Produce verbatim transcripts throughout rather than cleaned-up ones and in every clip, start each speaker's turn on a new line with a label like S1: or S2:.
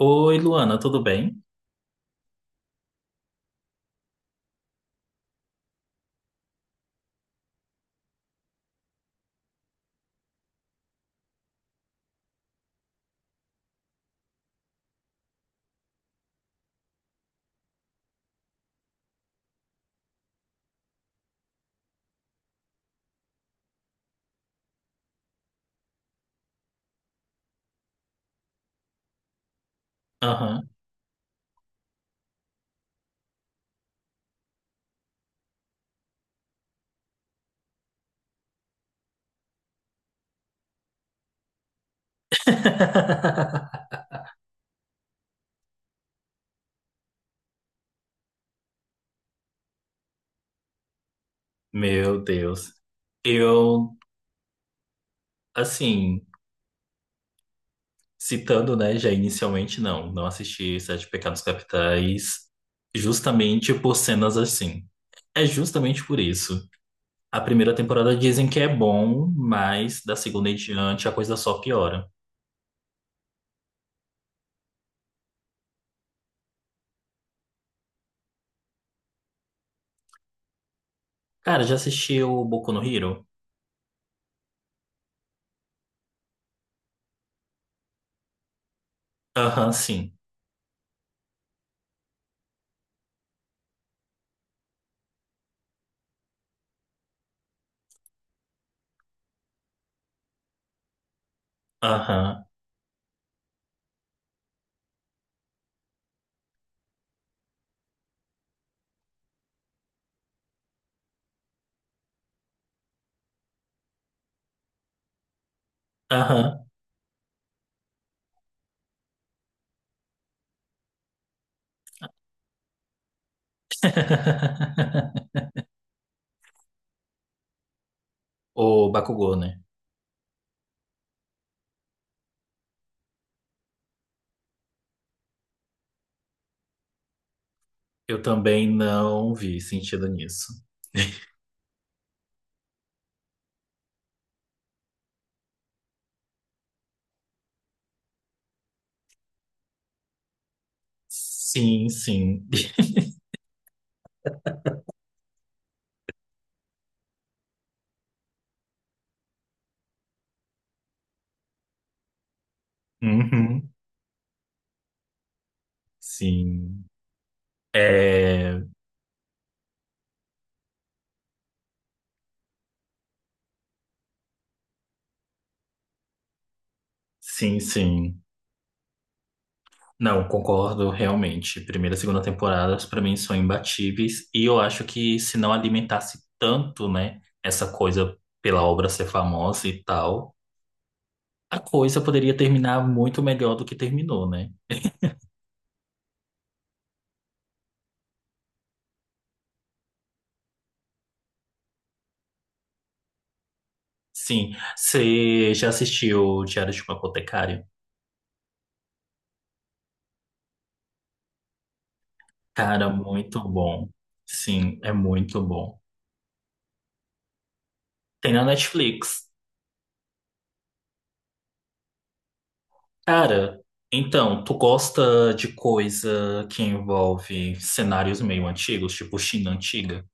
S1: Oi, Luana, tudo bem? Aham. Meu Deus. Eu, assim, Citando, né, já inicialmente, não, não assisti Sete Pecados Capitais justamente por cenas assim. É justamente por isso. A primeira temporada dizem que é bom, mas da segunda em diante a coisa só piora. Cara, já assistiu o Boku no Hero? Aham, sim. Aham, aham. O Bakugou, né? Eu também não vi sentido nisso. Sim, sim. Uhum, sim. É, sim, sim. Não, concordo realmente. Primeira e segunda temporadas pra mim são imbatíveis e eu acho que se não alimentasse tanto, né, essa coisa pela obra ser famosa e tal, a coisa poderia terminar muito melhor do que terminou, né? Sim. Você já assistiu Diário de uma Apotecária? Cara, muito bom. Sim, é muito bom. Tem na Netflix. Cara, então, tu gosta de coisa que envolve cenários meio antigos, tipo China antiga?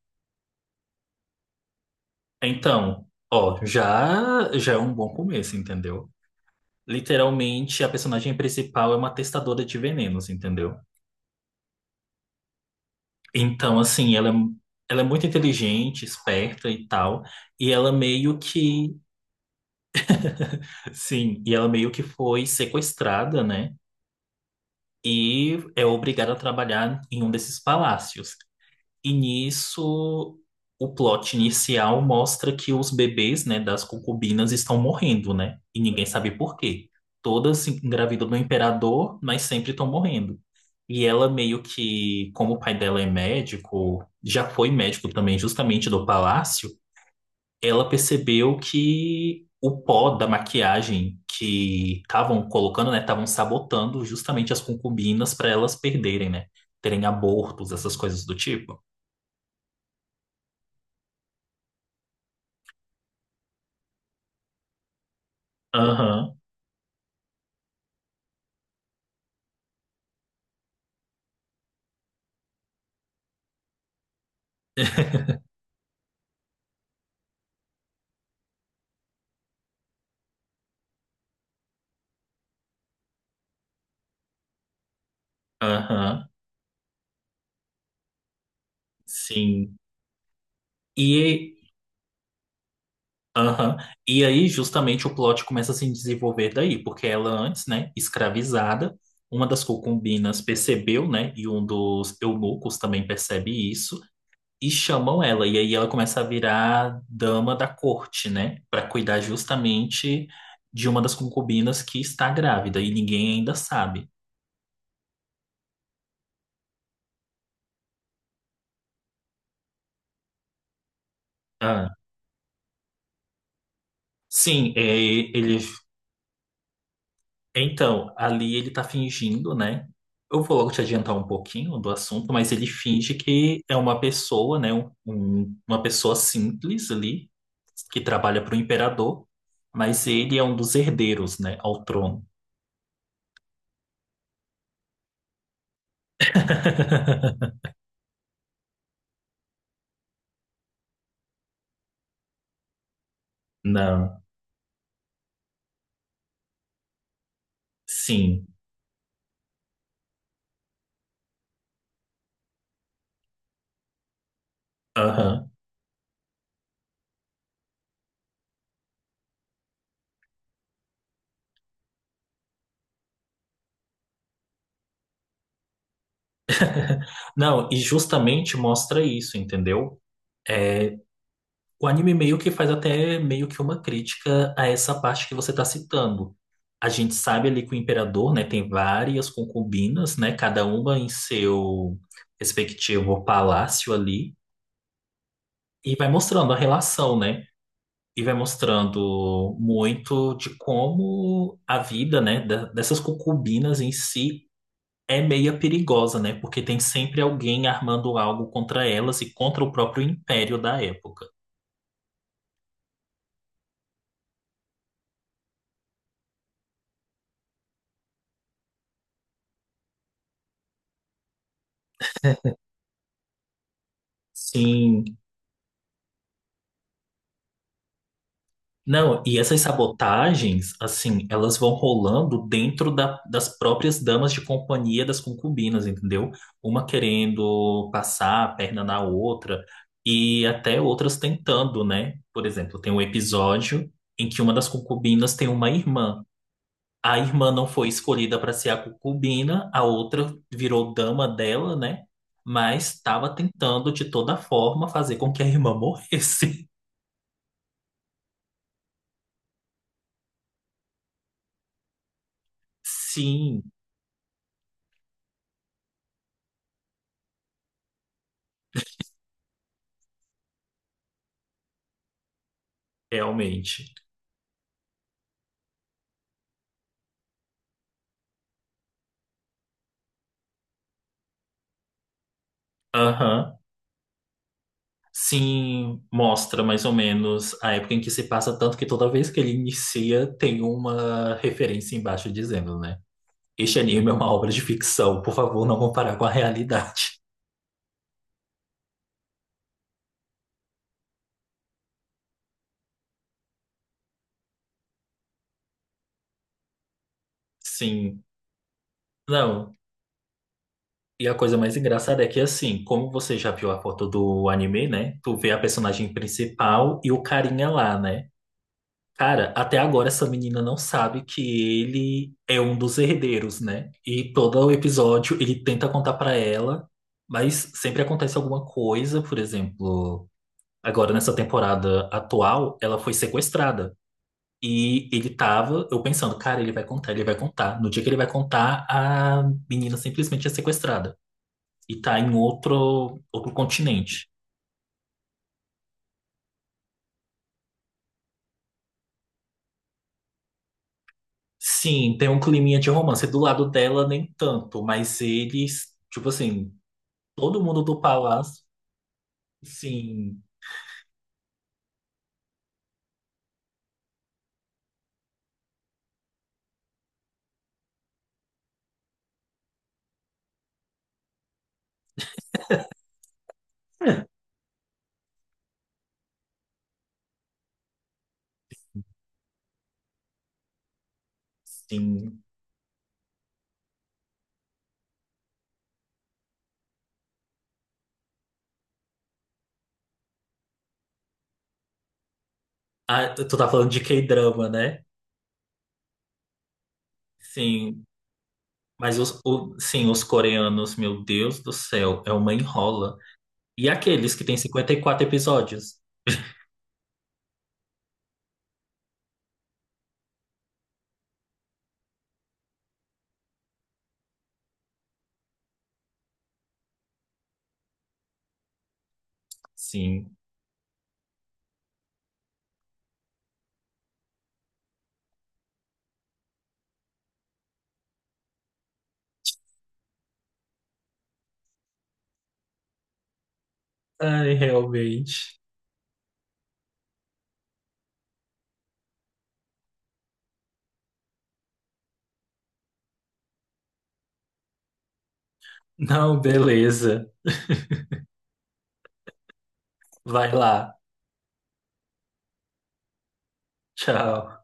S1: Então, ó, já já é um bom começo, entendeu? Literalmente, a personagem principal é uma testadora de venenos, entendeu? Então, assim, ela é, ela é muito inteligente, esperta e tal, e ela meio que, sim, e ela meio que foi sequestrada, né? E é obrigado a trabalhar em um desses palácios. E nisso, o plot inicial mostra que os bebês, né, das concubinas estão morrendo, né? E ninguém sabe por quê. Todas engravidam do imperador, mas sempre estão morrendo. E ela meio que, como o pai dela é médico, já foi médico também justamente do palácio, ela percebeu que o pó da maquiagem que estavam colocando, né, estavam sabotando justamente as concubinas para elas perderem, né, terem abortos, essas coisas do tipo. Aham, aham, sim. E, aham, e aí justamente o plot começa a se desenvolver daí, porque ela antes, né, escravizada, uma das concubinas percebeu, né, e um dos eunucos também percebe isso. E chamam ela, e aí ela começa a virar dama da corte, né? Para cuidar justamente de uma das concubinas que está grávida, e ninguém ainda sabe. Ah, sim, é, ele. Então, ali ele tá fingindo, né? Eu vou logo te adiantar um pouquinho do assunto, mas ele finge que é uma pessoa, né? Um- um- uma pessoa simples ali, que trabalha para o imperador, mas ele é um dos herdeiros, né? Ao trono. Não, sim. Aham. Não, e justamente mostra isso, entendeu? É, o anime meio que faz até meio que uma crítica a essa parte que você está citando. A gente sabe ali que o imperador, né, tem várias concubinas, né, cada uma em seu respectivo palácio ali, e vai mostrando a relação, né? E vai mostrando muito de como a vida, né, da- dessas concubinas em si é meia perigosa, né? Porque tem sempre alguém armando algo contra elas e contra o próprio império da época. Sim. Não, e essas sabotagens, assim, elas vão rolando dentro da- das próprias damas de companhia das concubinas, entendeu? Uma querendo passar a perna na outra e até outras tentando, né? Por exemplo, tem um episódio em que uma das concubinas tem uma irmã. A irmã não foi escolhida para ser a concubina, a outra virou dama dela, né? Mas estava tentando de toda forma fazer com que a irmã morresse. Sim, realmente. Aham. Sim, mostra mais ou menos a época em que se passa, tanto que toda vez que ele inicia tem uma referência embaixo dizendo, né? Este anime é uma obra de ficção, por favor, não comparar com a realidade. Sim. Não, e a coisa mais engraçada é que, assim, como você já viu a foto do anime, né? Tu vê a personagem principal e o carinha lá, né? Cara, até agora essa menina não sabe que ele é um dos herdeiros, né? E todo o episódio ele tenta contar pra ela, mas sempre acontece alguma coisa, por exemplo, agora nessa temporada atual, ela foi sequestrada. E ele tava, eu pensando, cara, ele vai contar, ele vai contar. No dia que ele vai contar, a menina simplesmente é sequestrada e tá em outro, outro continente. Sim, tem um climinha de romance. Do lado dela, nem tanto, mas eles, tipo assim, todo mundo do palácio. Sim, sim. Ah, tu tá falando de K-drama, né? Sim, mas os, o- sim, os coreanos, meu Deus do céu, é uma enrola. E aqueles que têm cinquenta e quatro episódios? Sim. Ai, realmente. Não, beleza. Vai lá. Tchau.